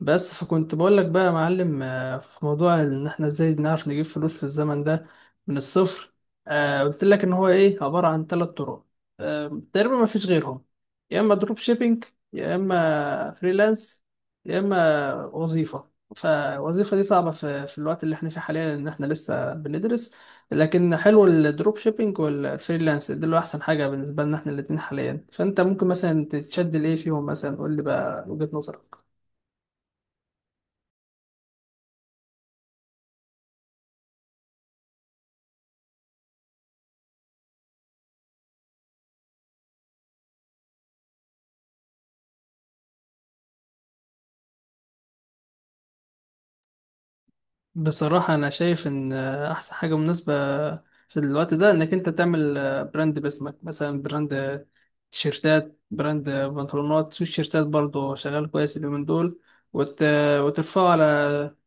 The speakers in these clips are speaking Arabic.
بس فكنت بقول لك بقى يا معلم، في موضوع ان احنا ازاي نعرف نجيب فلوس في الزمن ده من الصفر. قلت لك ان هو ايه عبارة عن 3 طرق. تقريبا ما فيش غيرهم. يا اما دروب شيبينج، يا اما فريلانس، يا اما وظيفة. فالوظيفة دي صعبة في الوقت اللي احنا فيه حاليا، ان احنا لسه بندرس. لكن حلو الدروب شيبينج والفريلانس، دول احسن حاجة بالنسبة لنا احنا الاتنين حاليا. فانت ممكن مثلا تتشد لايه فيهم؟ مثلا قول لي بقى وجهة نظرك. بصراحة أنا شايف إن أحسن حاجة مناسبة في الوقت ده إنك أنت تعمل براند باسمك، مثلا براند تيشيرتات، براند بنطلونات. في تيشيرتات برضه شغال كويس اليومين دول. وت... وترفعه على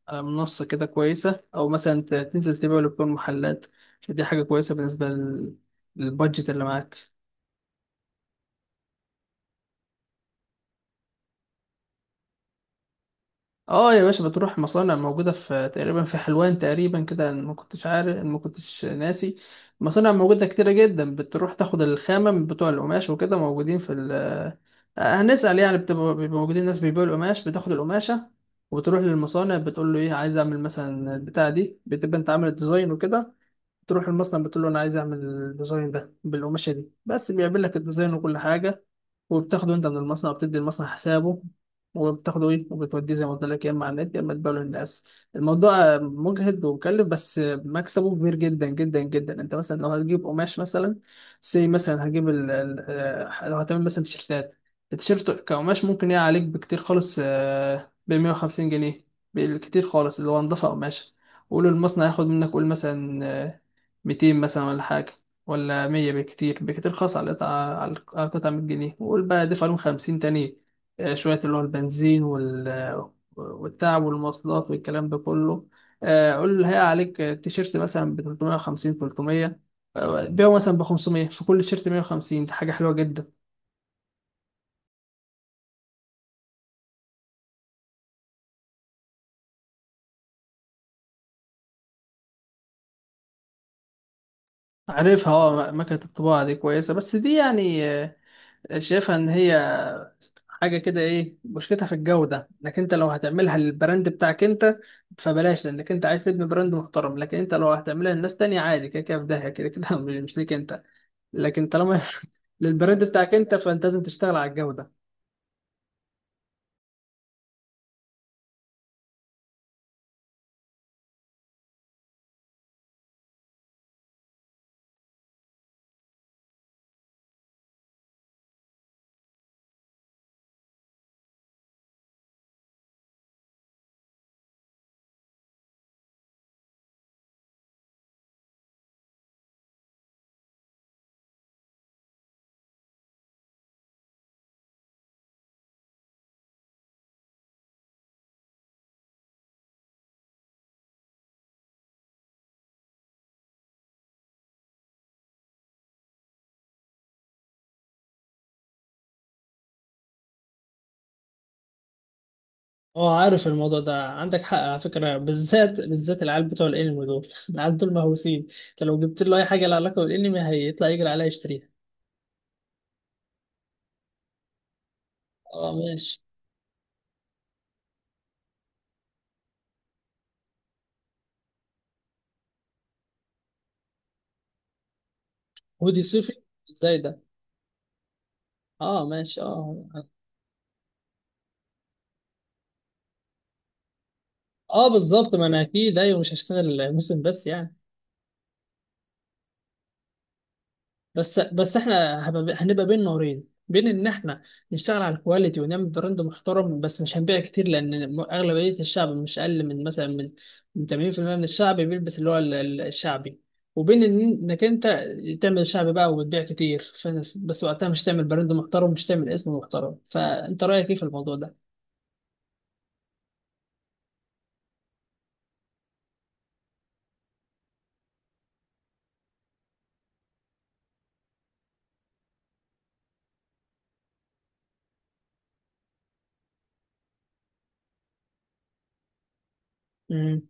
على منصة كده كويسة، أو مثلا تنزل تبيعه لكل المحلات. فدي حاجة كويسة بالنسبة للبادجت اللي معاك. اه يا باشا، بتروح مصانع موجودة في تقريبا في حلوان تقريبا كده. أنا ما كنتش ناسي. مصانع موجودة كتيرة جدا، بتروح تاخد الخامة من بتوع القماش وكده، موجودين في ال آه، هنسأل يعني، بيبقوا موجودين ناس بيبيعوا القماش. بتاخد القماشة وبتروح للمصانع، بتقول له ايه، عايز اعمل مثلا البتاع دي. بتبقى انت عامل الديزاين وكده، تروح المصنع بتقول له انا عايز اعمل الديزاين ده بالقماشة دي بس. بيعمل لك الديزاين وكل حاجة، وبتاخده انت من المصنع وبتدي المصنع حسابه، وبتاخده ايه وبتوديه زي ما قلت لك، يا اما على النت يا اما تبيعه للناس. الموضوع مجهد ومكلف بس مكسبه كبير جدا جدا جدا. انت مثلا لو هتجيب قماش، مثلا سي، مثلا هتجيب ال... ال... آه، لو هتعمل مثلا تيشيرتات، التيشيرت كقماش ممكن يقع عليك بكتير خالص ب 150 جنيه. بالكتير خالص اللي هو نضافة قماش. قول المصنع ياخد منك قول مثلا 200 مثلا ولا حاجة، ولا 100. بكتير بكتير خاص على القطعة، على القطعة 100 جنيه. وقول بقى دفع لهم 50 تاني شوية، اللي هو البنزين والتعب والمواصلات والكلام ده كله. قول هي عليك تيشيرت مثلا ب 350، 300. بيعه مثلا ب 500. في كل تيشيرت 150، دي حاجة حلوة جدا. عارفها. اه، مكنة الطباعة دي كويسة بس دي يعني شايفها إن هي حاجة كده ايه، مشكلتها في الجودة. انك انت لو هتعملها للبراند بتاعك انت فبلاش، لانك انت عايز تبني براند محترم. لكن انت لو هتعملها لناس تانية عادي، كده كده في داهية، كده كده مش ليك انت. لكن طالما للبراند بتاعك انت، فانت لازم تشتغل على الجودة. اه، عارف الموضوع ده، عندك حق على فكرة. بالذات بالذات العيال بتوع الانمي دول العيال دول مهووسين. انت لو جبت له اي حاجة لها علاقة بالانمي هيطلع يجري عليها يشتريها. اه ماشي. هودي صيفي؟ ازاي ده؟ اه ماشي اه. اه بالظبط، ما انا اكيد ايوه، مش هشتغل موسم بس يعني. بس احنا هنبقى بين نارين، بين ان احنا نشتغل على الكواليتي ونعمل براند محترم بس مش هنبيع كتير، لان اغلبيه الشعب، مش اقل من مثلا من من 80% من الشعب بيلبس اللي هو الشعبي، وبين انك انت تعمل شعبي بقى وتبيع كتير. بس وقتها مش تعمل براند محترم، مش تعمل اسم محترم. فانت رايك ايه في الموضوع ده؟ امم.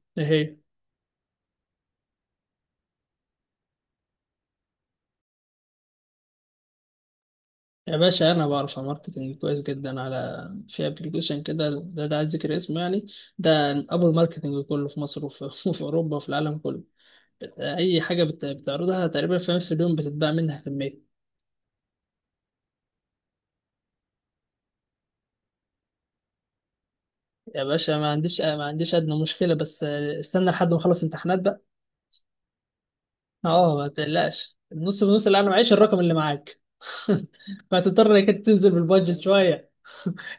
يا باشا، انا بعرف على ماركتنج كويس جدا، على في ابلكيشن كده ده عايز ذكر اسمه يعني. ده ابو الماركتنج كله في مصر وفي اوروبا وفي العالم كله. اي حاجه بتعرضها تقريبا في نفس اليوم بتتباع منها كميه. يا باشا، ما عنديش ادنى مشكله بس استنى لحد ما اخلص امتحانات بقى. اه ما تقلقش، النص بنص، اللي انا معيش الرقم اللي معاك. فهتضطر انك إنت تنزل بالبادجت شويه،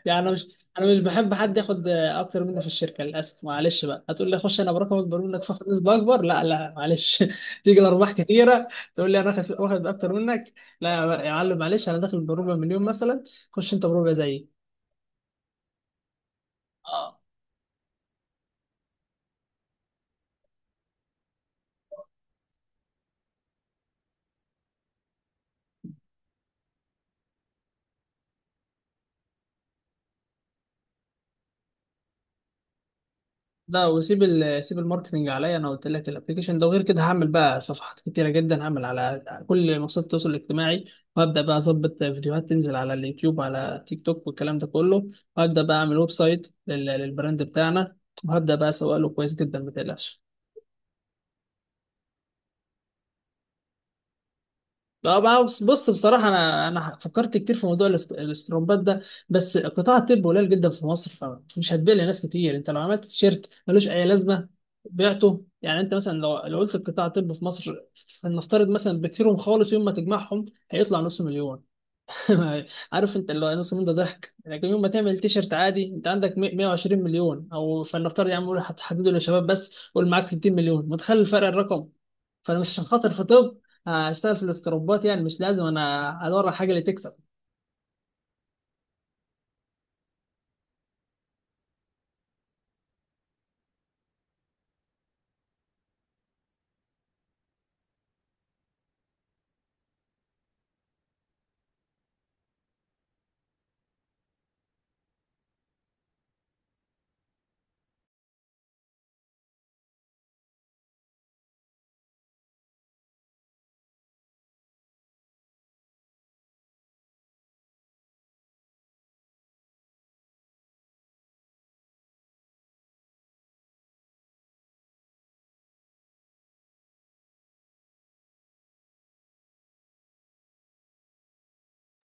يعني انا مش بحب حد ياخد اكتر مني في الشركه، للاسف معلش بقى. هتقول لي خش انا برقم اكبر منك فاخد نسبه اكبر؟ لا لا معلش تيجي الارباح كتيره تقول لي انا اخد واخد اكتر منك. لا. يا معلم معلش، انا داخل بربع مليون مثلا، خش انت بربع زيي. لا، وسيب ال سيب الماركتنج عليا. انا قلت لك الابلكيشن ده، وغير كده هعمل بقى صفحات كتيره جدا، هعمل على كل منصات التواصل الاجتماعي. وهبدا بقى اظبط فيديوهات تنزل على اليوتيوب، على تيك توك والكلام ده كله. وهبدا بقى اعمل ويب سايت للبراند بتاعنا، وهبدا بقى اسوق له كويس جدا، ما تقلقش. اه بقى، بص بصراحة، أنا فكرت كتير في موضوع الاسترومبات ده. بس قطاع الطب قليل جدا في مصر، فمش هتبيع لناس كتير. أنت لو عملت تيشيرت ملوش أي لازمة بعته يعني. أنت مثلا لو قلت قطاع الطب في مصر، فلنفترض مثلا بكثيرهم خالص يوم ما تجمعهم هيطلع نص مليون. عارف انت اللي هو النص ده ضحك، لكن يوم ما تعمل تيشرت عادي، انت عندك 120 مليون. او فلنفترض يا عم قول هتحدده للشباب بس، قول معاك 60 مليون، متخيل الفرق الرقم؟ فانا مش عشان خاطر في طب هشتغل في الاسكروبات، يعني مش لازم انا ادور على حاجه اللي تكسب.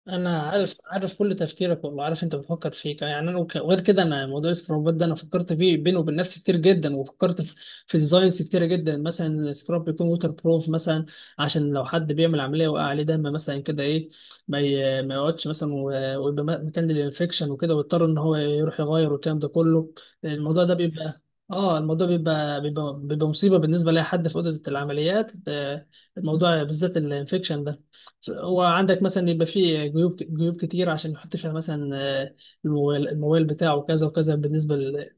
انا عارف كل تفكيرك، والله عارف انت بتفكر فيه يعني انا وغير كده. انا موضوع السكرابات ده انا فكرت فيه بيني وبين نفسي كتير جدا، وفكرت في ديزاينز كتيره جدا. مثلا سكراب بيكون ووتر بروف مثلا، عشان لو حد بيعمل عمليه وقع عليه دم مثلا كده ايه، ما يقعدش مثلا ويبقى مكان للانفكشن وكده، ويضطر ان هو يروح يغير والكلام ده كله. الموضوع ده بيبقى، اه الموضوع بيبقى مصيبه بالنسبه لاي حد في اوضه العمليات الموضوع بالذات الانفكشن. وعندك مثلا يبقى فيه جيوب جيوب كتير، عشان يحط فيها مثلا آه، الموبايل بتاعه كذا وكذا، بالنسبه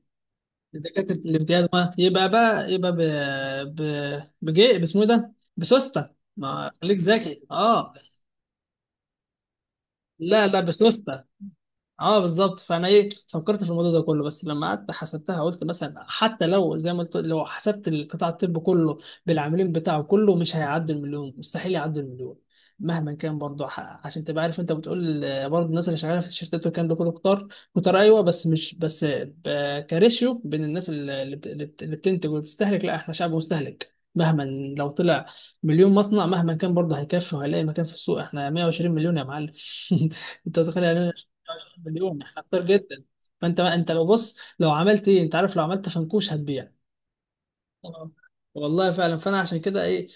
لدكاتره الامتياز، ما يبقى بقى يبقى ب بجي باسمه إيه ده، بسوسته. ما خليك ذكي اه. لا لا بسوسته. اه بالظبط. فانا ايه فكرت في الموضوع ده كله، بس لما قعدت حسبتها قلت مثلا حتى لو زي ما قلت لو حسبت القطاع الطبي كله بالعاملين بتاعه كله مش هيعدي المليون، مستحيل يعدي المليون مهما كان. برضه عشان تبقى عارف، انت بتقول برضه الناس اللي شغاله في الشركات والكلام ده كله كتار، كتار ايوه. بس مش بس كريشيو بين الناس اللي بتنتج وبتستهلك. لا احنا شعب مستهلك مهما، لو طلع مليون مصنع مهما كان برضه هيكفي وهيلاقي مكان في السوق، احنا 120 مليون يا معلم انت متخيل يعني إيه؟ مليون خطير جدا. فانت ما انت لو بص لو عملت ايه، انت عارف لو عملت فنكوش هتبيع. آه. والله فعلا، فانا عشان كده ايه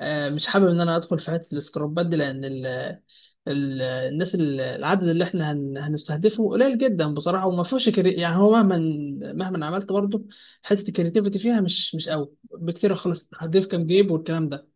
مش حابب ان انا ادخل في حته السكرابات دي، لان ال ال الناس، العدد اللي احنا هنستهدفه قليل جدا بصراحه، وما فيهوش يعني هو مهما عملت برضه، حته الكريتيفيتي فيها مش قوي بكتير خالص، هتضيف كام جيب والكلام ده.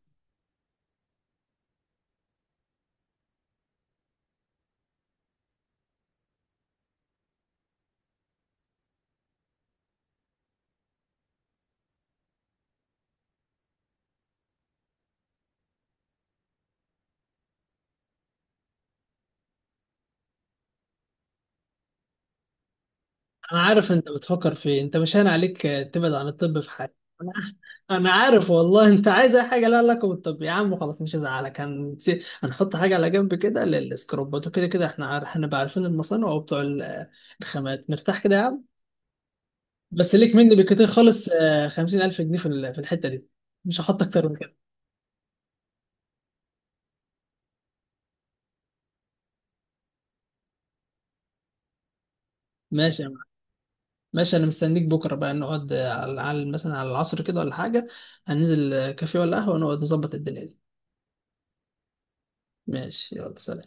انا عارف انت بتفكر في إيه. انت مش هان عليك تبعد عن الطب في حاجه؟ انا عارف والله انت عايز اي حاجه لها علاقه بالطب. يا عم خلاص مش هزعلك، هنحط حاجه على جنب كده للسكروبات. وكده كده احنا هنبقى عارفين المصانع وبتوع الخامات، مرتاح كده يا عم. بس ليك مني بكتير خالص 50000 جنيه في في الحته دي، مش هحط اكتر من كده. ماشي يا معلم. ماشي، انا مستنيك بكره بقى نقعد على مثلا على العصر كده ولا حاجه، هننزل كافيه ولا قهوه ونقعد نظبط الدنيا دي. ماشي يلا سلام.